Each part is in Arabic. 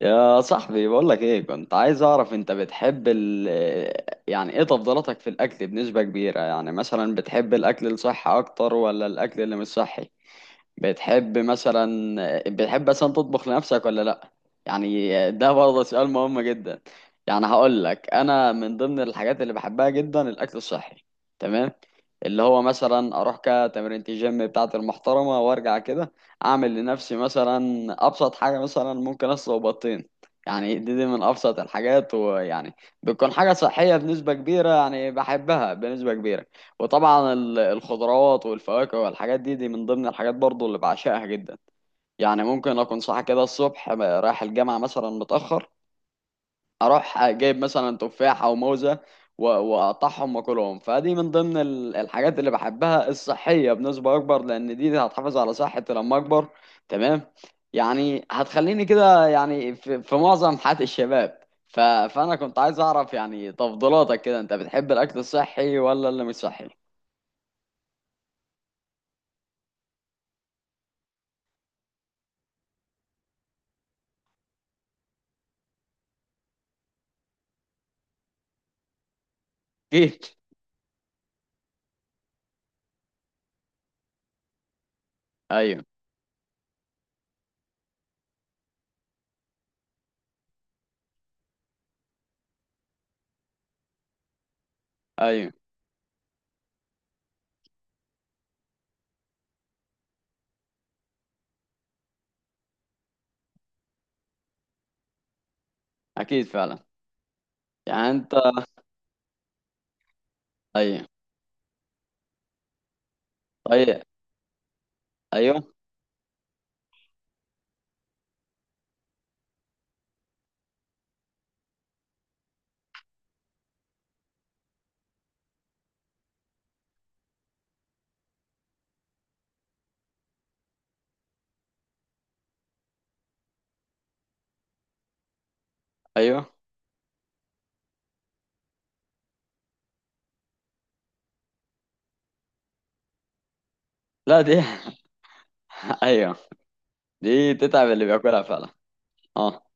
يا صاحبي، بقول لك ايه، كنت عايز اعرف انت بتحب يعني ايه تفضيلاتك في الاكل بنسبة كبيرة؟ يعني مثلا بتحب الاكل الصحي اكتر ولا الاكل اللي مش صحي؟ بتحب مثلا بتحب مثلا تطبخ لنفسك ولا لا؟ يعني ده برضه سؤال مهم جدا. يعني هقول لك، انا من ضمن الحاجات اللي بحبها جدا الاكل الصحي. تمام. اللي هو مثلا اروح كتمرينة الجيم بتاعتي المحترمه وارجع كده، اعمل لنفسي مثلا ابسط حاجه، مثلا ممكن اسلق بطين. يعني دي من ابسط الحاجات، ويعني بتكون حاجه صحيه بنسبه كبيره، يعني بحبها بنسبه كبيره. وطبعا الخضروات والفواكه والحاجات دي من ضمن الحاجات برضو اللي بعشقها جدا. يعني ممكن اكون صاحي كده الصبح رايح الجامعة مثلا متأخر، اروح جايب مثلا تفاح او موزة، واقطعهم واكلهم. فدي من ضمن الحاجات اللي بحبها الصحية بنسبة اكبر، لان دي هتحافظ على صحتي لما اكبر. تمام. يعني هتخليني كده يعني في معظم حياة الشباب. فانا كنت عايز اعرف يعني تفضيلاتك كده، انت بتحب الاكل الصحي ولا اللي مش صحي؟ اكيد. ايوه. ايوه. اكيد، فعلا. يعني انت. ايوه. طيب. ايوه. ايوه. لا، دي ايوه، دي تتعب اللي بياكلها فعلا. اه.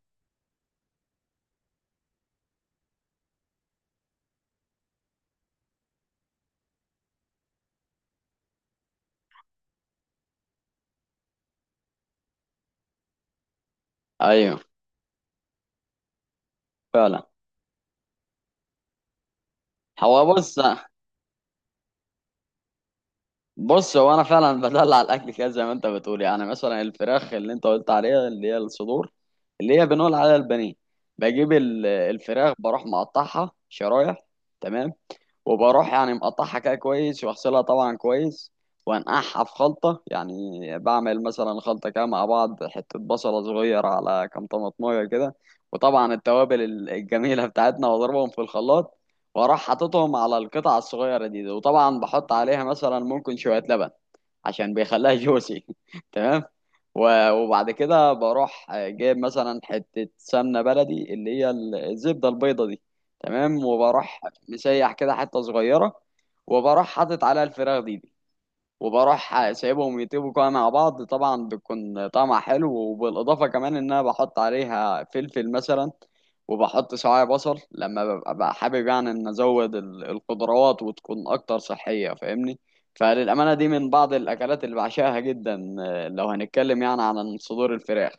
ايوه. فعلا. هو بص. بص، هو انا فعلا بدلع الاكل كده زي ما انت بتقول، يعني مثلا الفراخ اللي انت قلت عليها اللي هي الصدور، اللي هي بنقول عليها البانيه. بجيب الفراخ، بروح مقطعها شرايح. تمام. وبروح يعني مقطعها كده كويس، واغسلها طبعا كويس، وانقعها في خلطة. يعني بعمل مثلا خلطة كده مع بعض، حتة بصلة صغيرة على كام طماطمية كده، وطبعا التوابل الجميلة بتاعتنا، واضربهم في الخلاط، واروح حاططهم على القطعة الصغيرة دي، وطبعا بحط عليها مثلا ممكن شوية لبن عشان بيخليها جوسي تمام. وبعد كده بروح جايب مثلا حتة سمنة بلدي اللي هي الزبدة البيضة دي. تمام. وبروح مسيح كده حتة صغيرة، وبروح حاطط عليها الفراخ دي، وبروح سايبهم يطيبوا كده مع بعض. طبعا بيكون طعمها حلو، وبالإضافة كمان إن أنا بحط عليها فلفل مثلا، وبحط سواعي بصل لما ببقى حابب، يعني إن أزود الخضروات وتكون أكتر صحية، فاهمني؟ فللأمانة دي من بعض الأكلات اللي بعشقها جدا. آه، لو هنتكلم يعني عن صدور الفراخ.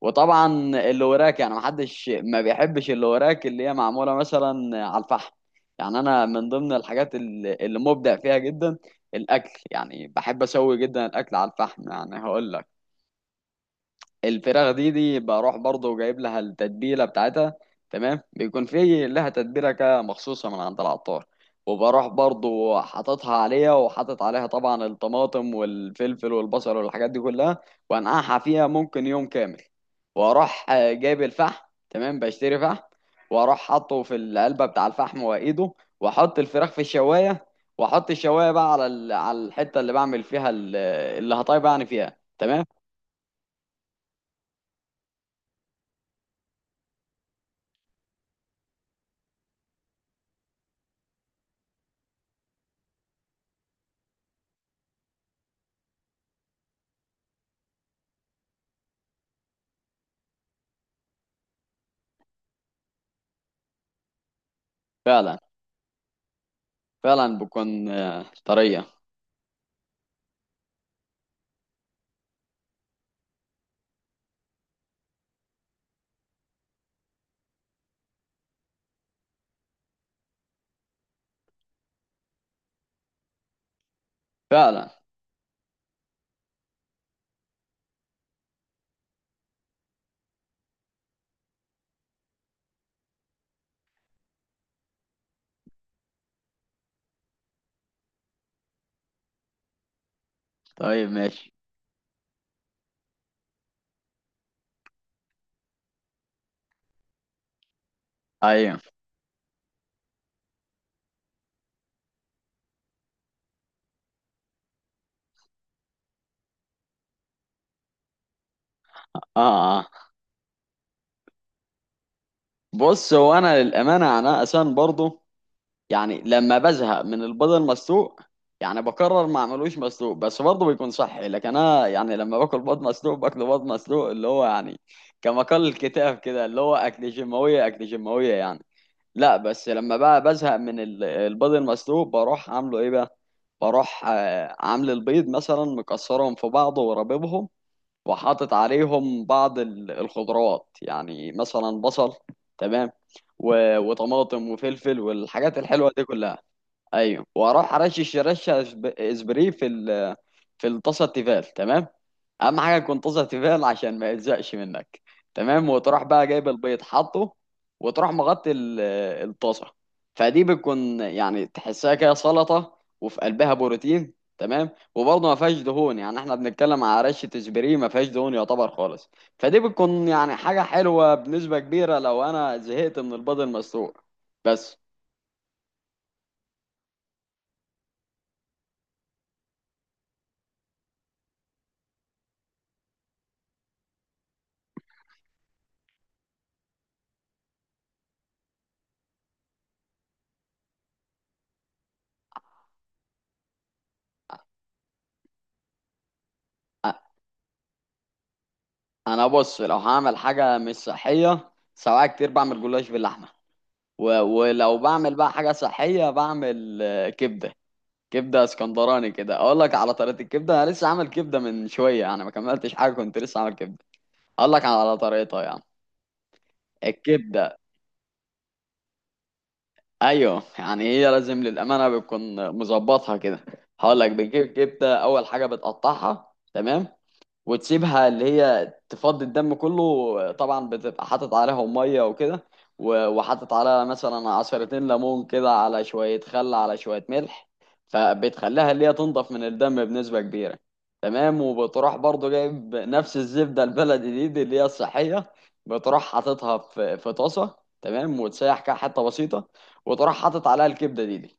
وطبعا اللي وراك، يعني محدش ما بيحبش اللي وراك، اللي هي معموله مثلا على الفحم. يعني انا من ضمن الحاجات اللي مبدع فيها جدا الاكل، يعني بحب اسوي جدا الاكل على الفحم. يعني هقول لك، الفراخ دي بروح برضه جايب لها التتبيله بتاعتها. تمام. بيكون في لها تتبيله كده مخصوصه من عند العطار، وبروح برضه حاططها عليها، وحاطط عليها طبعا الطماطم والفلفل والبصل والحاجات دي كلها، وانقعها فيها ممكن يوم كامل، واروح جايب الفحم. تمام. بشتري فحم، واروح حاطه في العلبه بتاع الفحم وايده، واحط الفراخ في الشوايه، واحط الشوايه بقى على على الحته اللي بعمل فيها اللي هطيب يعني فيها. تمام. فعلا. فعلا بكون طرية. فعلا. طيب، ماشي. ايوه. اه. اه. بص، هو انا للامانه انا اساسا برضو يعني لما بزهق من البيض المسلوق، يعني بقرر ما اعملوش مسلوق، بس برضه بيكون صحي. لكن انا يعني لما باكل بيض مسلوق، باكل بيض مسلوق اللي هو يعني كما قال الكتاب كده، اللي هو اكل جماويه اكل جماويه يعني. لا، بس لما بقى بزهق من البيض المسلوق، بروح عامله ايه بقى؟ بروح عامل البيض مثلا مكسرهم في بعضه وربيبهم، وحاطط عليهم بعض الخضروات، يعني مثلا بصل. تمام. وطماطم وفلفل والحاجات الحلوة دي كلها. ايوه. واروح ارشش رشه اسبري في في الطاسه التيفال. تمام. اهم حاجه تكون طاسه تيفال عشان ما يلزقش منك. تمام. وتروح بقى جايب البيض، حاطه، وتروح مغطي الطاسه. فدي بتكون يعني تحسها كده سلطه وفي قلبها بروتين. تمام. وبرضه ما فيهاش دهون، يعني احنا بنتكلم على رشه اسبري ما فيهاش دهون يعتبر خالص. فدي بتكون يعني حاجه حلوه بنسبه كبيره لو انا زهقت من البيض المسلوق. بس. انا بص، لو هعمل حاجه مش صحيه سواء كتير بعمل جلاش باللحمه، ولو بعمل بقى حاجه صحيه بعمل كبده. كبده اسكندراني كده. اقول لك على طريقه الكبده. انا لسه عامل كبده من شويه، يعني ما كملتش حاجه كنت لسه عامل كبده. اقول لك على طريقتها يعني. الكبده. ايوه، يعني هي لازم للامانه بتكون مظبطها كده. هقول لك، بتجيب كبده، اول حاجه بتقطعها. تمام. وتسيبها اللي هي تفضي الدم كله، طبعا بتبقى حاطط عليها ميه وكده، وحاطط عليها مثلا عصيرتين ليمون كده على شويه خل على شويه ملح، فبتخليها اللي هي تنضف من الدم بنسبه كبيره. تمام. وبتروح برضو جايب نفس الزبده البلدي دي اللي هي الصحيه، بتروح حاططها في طاسه. تمام. وتسيح كده حته بسيطه، وتروح حاطط عليها الكبده دي.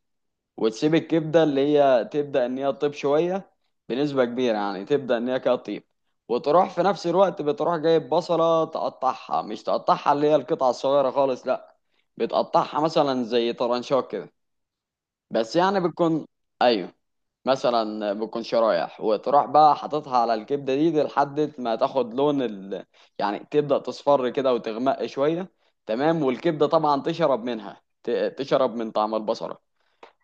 وتسيب الكبده اللي هي تبدا ان هي تطيب شويه بنسبه كبيره، يعني تبدا ان هي كده تطيب. وتروح في نفس الوقت بتروح جايب بصله تقطعها، مش تقطعها اللي هي القطعه الصغيره خالص لا، بتقطعها مثلا زي طرنشات كده، بس يعني بتكون. ايوه، مثلا بتكون شرايح، وتروح بقى حاططها على الكبده دي لحد ما تاخد لون يعني تبدا تصفر كده وتغمق شويه. تمام. والكبده طبعا تشرب منها تشرب من طعم البصله.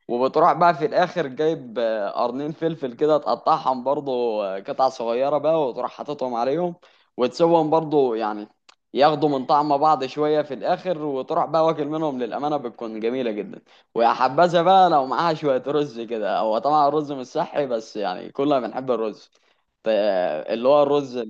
وبتروح بقى في الاخر جايب قرنين فلفل كده تقطعهم برضو قطع صغيره بقى، وتروح حاططهم عليهم وتسوهم برضو يعني ياخدوا من طعم بعض شويه في الاخر، وتروح بقى واكل منهم للامانه بتكون جميله جدا. ويا حبذا بقى لو معاها شويه رز كده، هو طبعا الرز مش صحي بس يعني كلنا بنحب الرز. اللي هو الرز.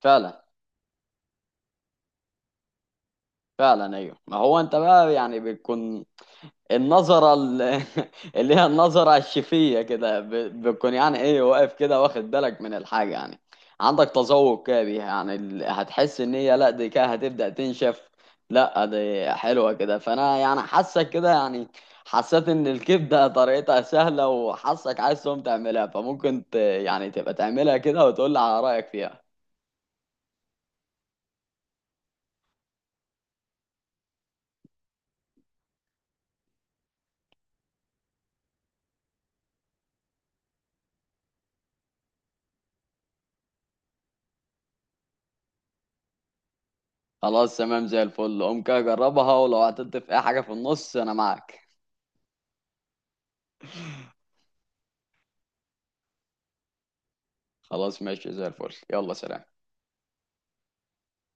فعلا. فعلا، ايوه. ما هو انت بقى يعني بتكون النظرة اللي هي النظرة الشفية كده، بتكون يعني ايه واقف كده واخد بالك من الحاجة، يعني عندك تذوق كده بيها، يعني هتحس ان هي لا دي كده هتبدأ تنشف، لا دي حلوة كده. فانا يعني حاسك كده، يعني حسيت ان الكبدة طريقتها سهلة وحاسك عايز تقوم تعملها، فممكن يعني تبقى تعملها كده وتقول لي على رأيك فيها. خلاص تمام، زي الفل، قوم كده جربها، ولو عطلت في اي حاجة في النص انا معاك. خلاص ماشي، زي الفل، يلا، سلام.